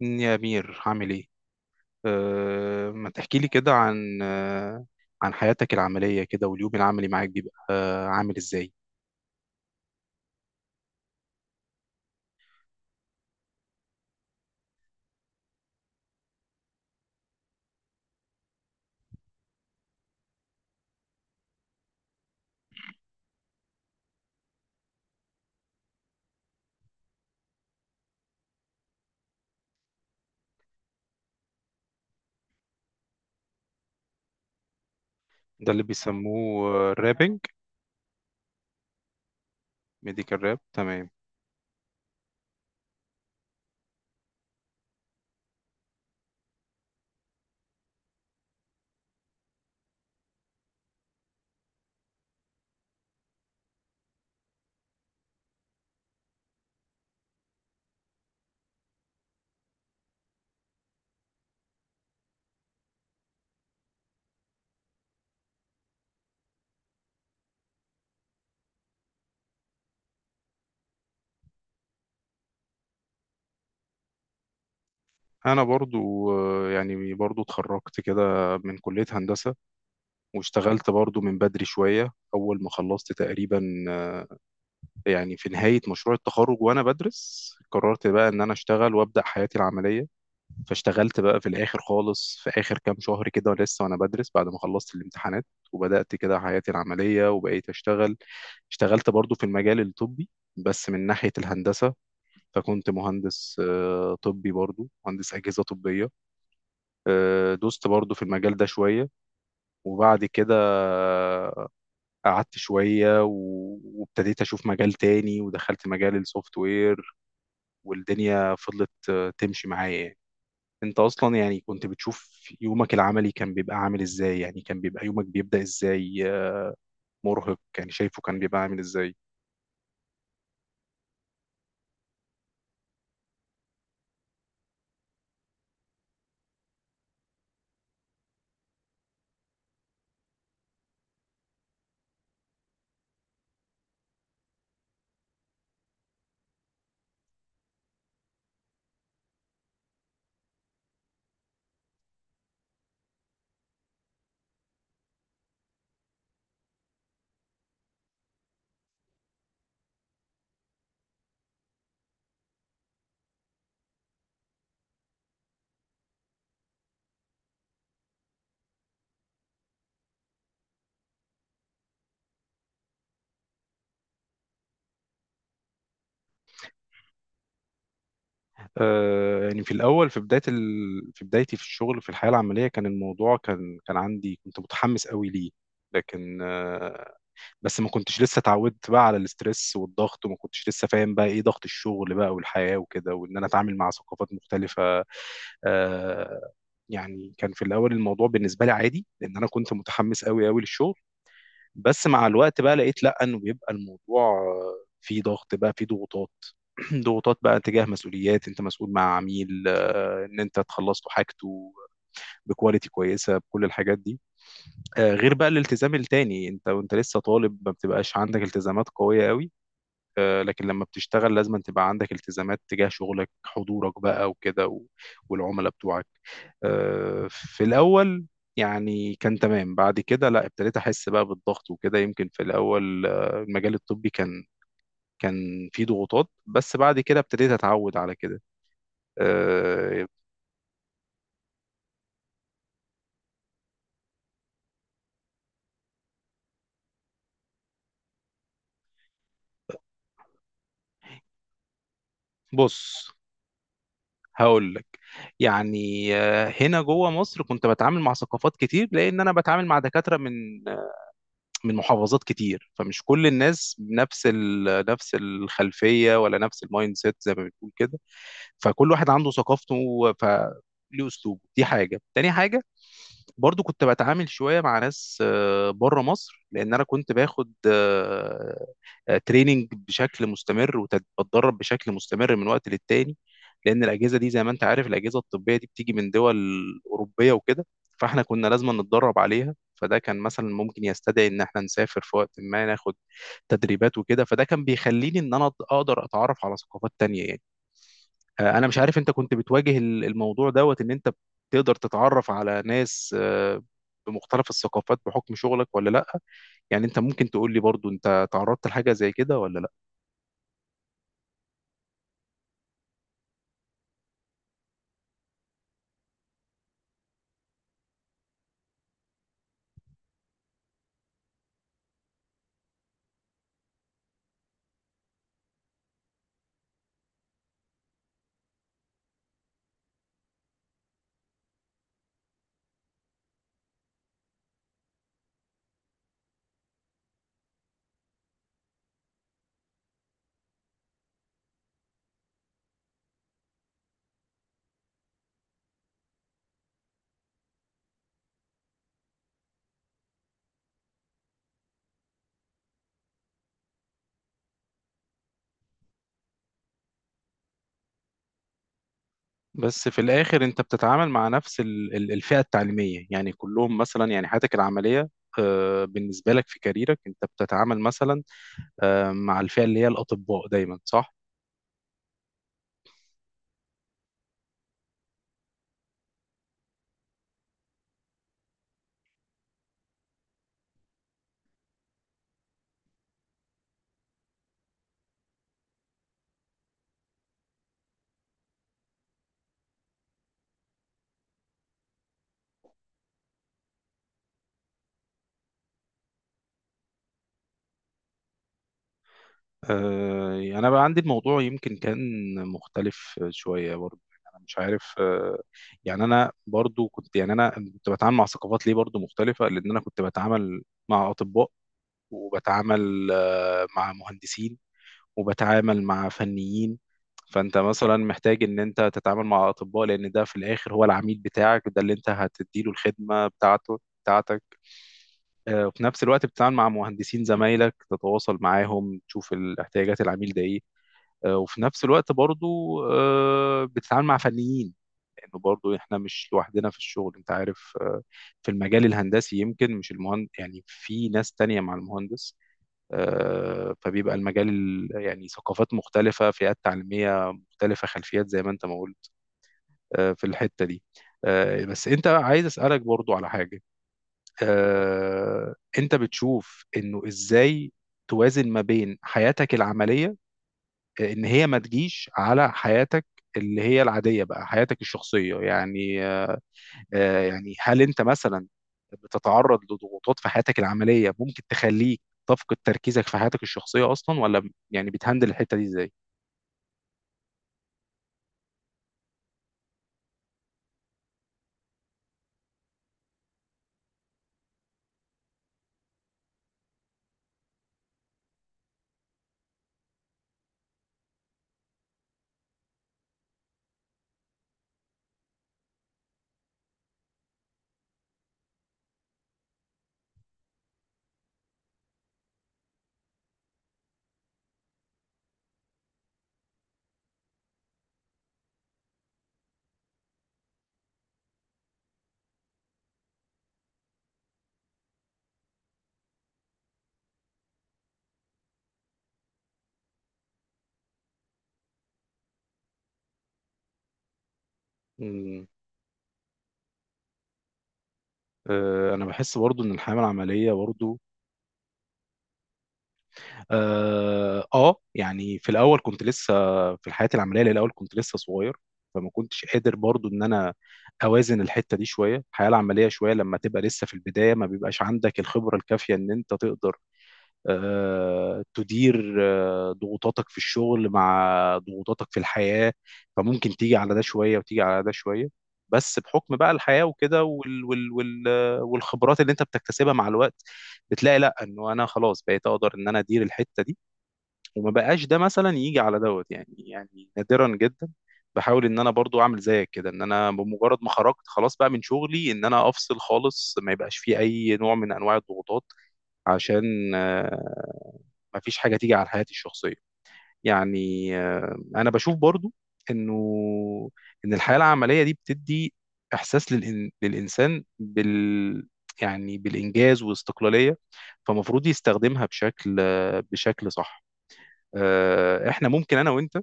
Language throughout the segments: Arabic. يا أمير عامل إيه؟ ما تحكي لي كده عن عن حياتك العملية كده واليوم العملي معاك بيبقى عامل إزاي؟ ده اللي بيسموه رابنج ميديكال راب تمام. أنا برضو يعني برضو اتخرجت كده من كلية هندسة، واشتغلت برضو من بدري شوية أول ما خلصت تقريبا. آه، يعني في نهاية مشروع التخرج وأنا بدرس قررت بقى إن أنا أشتغل وأبدأ حياتي العملية. فاشتغلت بقى في الاخر خالص في اخر كام شهر كده لسه وانا بدرس بعد ما خلصت الامتحانات، وبدات كده حياتي العمليه وبقيت اشتغل. اشتغلت برضو في المجال الطبي، بس من ناحيه الهندسه، فكنت مهندس طبي، برضو مهندس اجهزه طبيه. دوست برضو في المجال ده شويه، وبعد كده قعدت شويه وابتديت اشوف مجال تاني ودخلت مجال السوفت وير، والدنيا فضلت تمشي معايا يعني. انت اصلا يعني كنت بتشوف يومك العملي كان بيبقى عامل ازاي؟ يعني كان بيبقى يومك بيبدأ ازاي؟ مرهق يعني شايفه كان بيبقى عامل ازاي؟ آه يعني في الاول في في بدايتي في الشغل في الحياة العملية كان الموضوع كان عندي، كنت متحمس قوي ليه، لكن بس ما كنتش لسه اتعودت بقى على الاسترس والضغط، وما كنتش لسه فاهم بقى ايه ضغط الشغل بقى والحياة وكده، وان انا اتعامل مع ثقافات مختلفة. آه، يعني كان في الاول الموضوع بالنسبة لي عادي لان انا كنت متحمس قوي قوي للشغل. بس مع الوقت بقى لقيت لا، انه بيبقى الموضوع في ضغط بقى، في ضغوطات. ضغوطات بقى تجاه مسؤوليات، انت مسؤول مع عميل ان انت تخلص له حاجته بكواليتي كويسه، بكل الحاجات دي. غير بقى الالتزام التاني، انت وانت لسه طالب ما بتبقاش عندك التزامات قويه قوي، لكن لما بتشتغل لازم أن تبقى عندك التزامات تجاه شغلك، حضورك بقى وكده والعملاء بتوعك. في الاول يعني كان تمام، بعد كده لا، ابتديت احس بقى بالضغط وكده. يمكن في الاول المجال الطبي كان كان فيه ضغوطات، بس بعد كده ابتديت اتعود على كده. آه، بص هقول لك. يعني هنا جوه مصر كنت بتعامل مع ثقافات كتير، لان انا بتعامل مع دكاتره من محافظات كتير، فمش كل الناس نفس نفس الخلفيه ولا نفس المايند سيت زي ما بتقول كده. فكل واحد عنده ثقافته، ف ليه اسلوبه، دي حاجه تاني حاجه. برضو كنت بتعامل شويه مع ناس بره مصر، لان انا كنت باخد تريننج بشكل مستمر وبتدرب بشكل مستمر من وقت للتاني، لان الاجهزه دي زي ما انت عارف الاجهزه الطبيه دي بتيجي من دول اوروبيه وكده، فاحنا كنا لازم نتدرب عليها. فده كان مثلا ممكن يستدعي ان احنا نسافر في وقت ما ناخد تدريبات وكده، فده كان بيخليني ان انا اقدر اتعرف على ثقافات تانية يعني. انا مش عارف انت كنت بتواجه الموضوع دوت ان انت تقدر تتعرف على ناس بمختلف الثقافات بحكم شغلك ولا لا؟ يعني انت ممكن تقول لي برضو انت تعرضت لحاجة زي كده ولا لا؟ بس في الاخر انت بتتعامل مع نفس الفئه التعليميه، يعني كلهم مثلا. يعني حياتك العمليه بالنسبه لك في كاريرك انت بتتعامل مثلا مع الفئه اللي هي الاطباء دايما، صح؟ انا بقى عندي الموضوع يمكن كان مختلف شويه برضه. يعني انا مش عارف يعني انا برضو كنت، يعني انا كنت بتعامل مع ثقافات ليه برضو مختلفه، لان انا كنت بتعامل مع اطباء، وبتعامل مع مهندسين، وبتعامل مع فنيين. فانت مثلا محتاج ان انت تتعامل مع اطباء لان ده في الاخر هو العميل بتاعك، ده اللي انت هتديله الخدمه بتاعته بتاعتك. وفي نفس الوقت بتتعامل مع مهندسين زمايلك تتواصل معاهم تشوف احتياجات العميل ده ايه. وفي نفس الوقت برضو بتتعامل مع فنيين، لانه برضو احنا مش لوحدنا في الشغل، انت عارف. في المجال الهندسي يمكن مش المهندس يعني، في ناس تانية مع المهندس. فبيبقى يعني ثقافات مختلفة، فئات تعليمية مختلفة، خلفيات زي ما انت ما قلت. في الحتة دي بس انت عايز اسألك برضو على حاجة. انت بتشوف انه ازاي توازن ما بين حياتك العملية ان هي ما تجيش على حياتك اللي هي العادية بقى، حياتك الشخصية يعني. يعني هل انت مثلا بتتعرض لضغوطات في حياتك العمليه ممكن تخليك تفقد تركيزك في حياتك الشخصيه اصلا، ولا يعني بتهندل الحته دي ازاي؟ مم. انا بحس برضو ان الحياه العمليه برضو اه يعني في الاول كنت لسه، في الحياه العمليه الاول كنت لسه صغير، فما كنتش قادر برضو ان انا اوازن الحته دي شويه، الحياه العمليه شويه. لما تبقى لسه في البدايه ما بيبقاش عندك الخبره الكافيه ان انت تقدر تدير ضغوطاتك في الشغل مع ضغوطاتك في الحياة، فممكن تيجي على ده شوية وتيجي على ده شوية. بس بحكم بقى الحياة وكده، وال وال وال والخبرات اللي انت بتكتسبها مع الوقت، بتلاقي لا، انه انا خلاص بقيت اقدر ان انا ادير الحتة دي، وما بقاش ده مثلا يجي على دوت يعني، يعني نادرا جدا. بحاول ان انا برضو اعمل زيك كده، ان انا بمجرد ما خرجت خلاص بقى من شغلي ان انا افصل خالص، ما يبقاش فيه اي نوع من انواع الضغوطات، عشان آه، مفيش حاجة تيجي على حياتي الشخصية. يعني أنا بشوف برضو إنه إن الحياة العملية دي بتدي إحساس للإنسان بال، يعني بالإنجاز والاستقلالية، فمفروض يستخدمها بشكل بشكل صح. إحنا ممكن أنا وأنت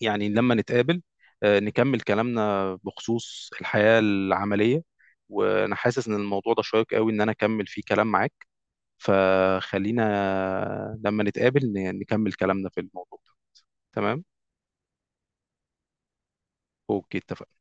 يعني لما نتقابل نكمل كلامنا بخصوص الحياة العملية، وأنا حاسس إن الموضوع ده شيق قوي إن أنا أكمل فيه كلام معاك، فخلينا لما نتقابل نكمل كلامنا في الموضوع ده. تمام. اوكي اتفقنا.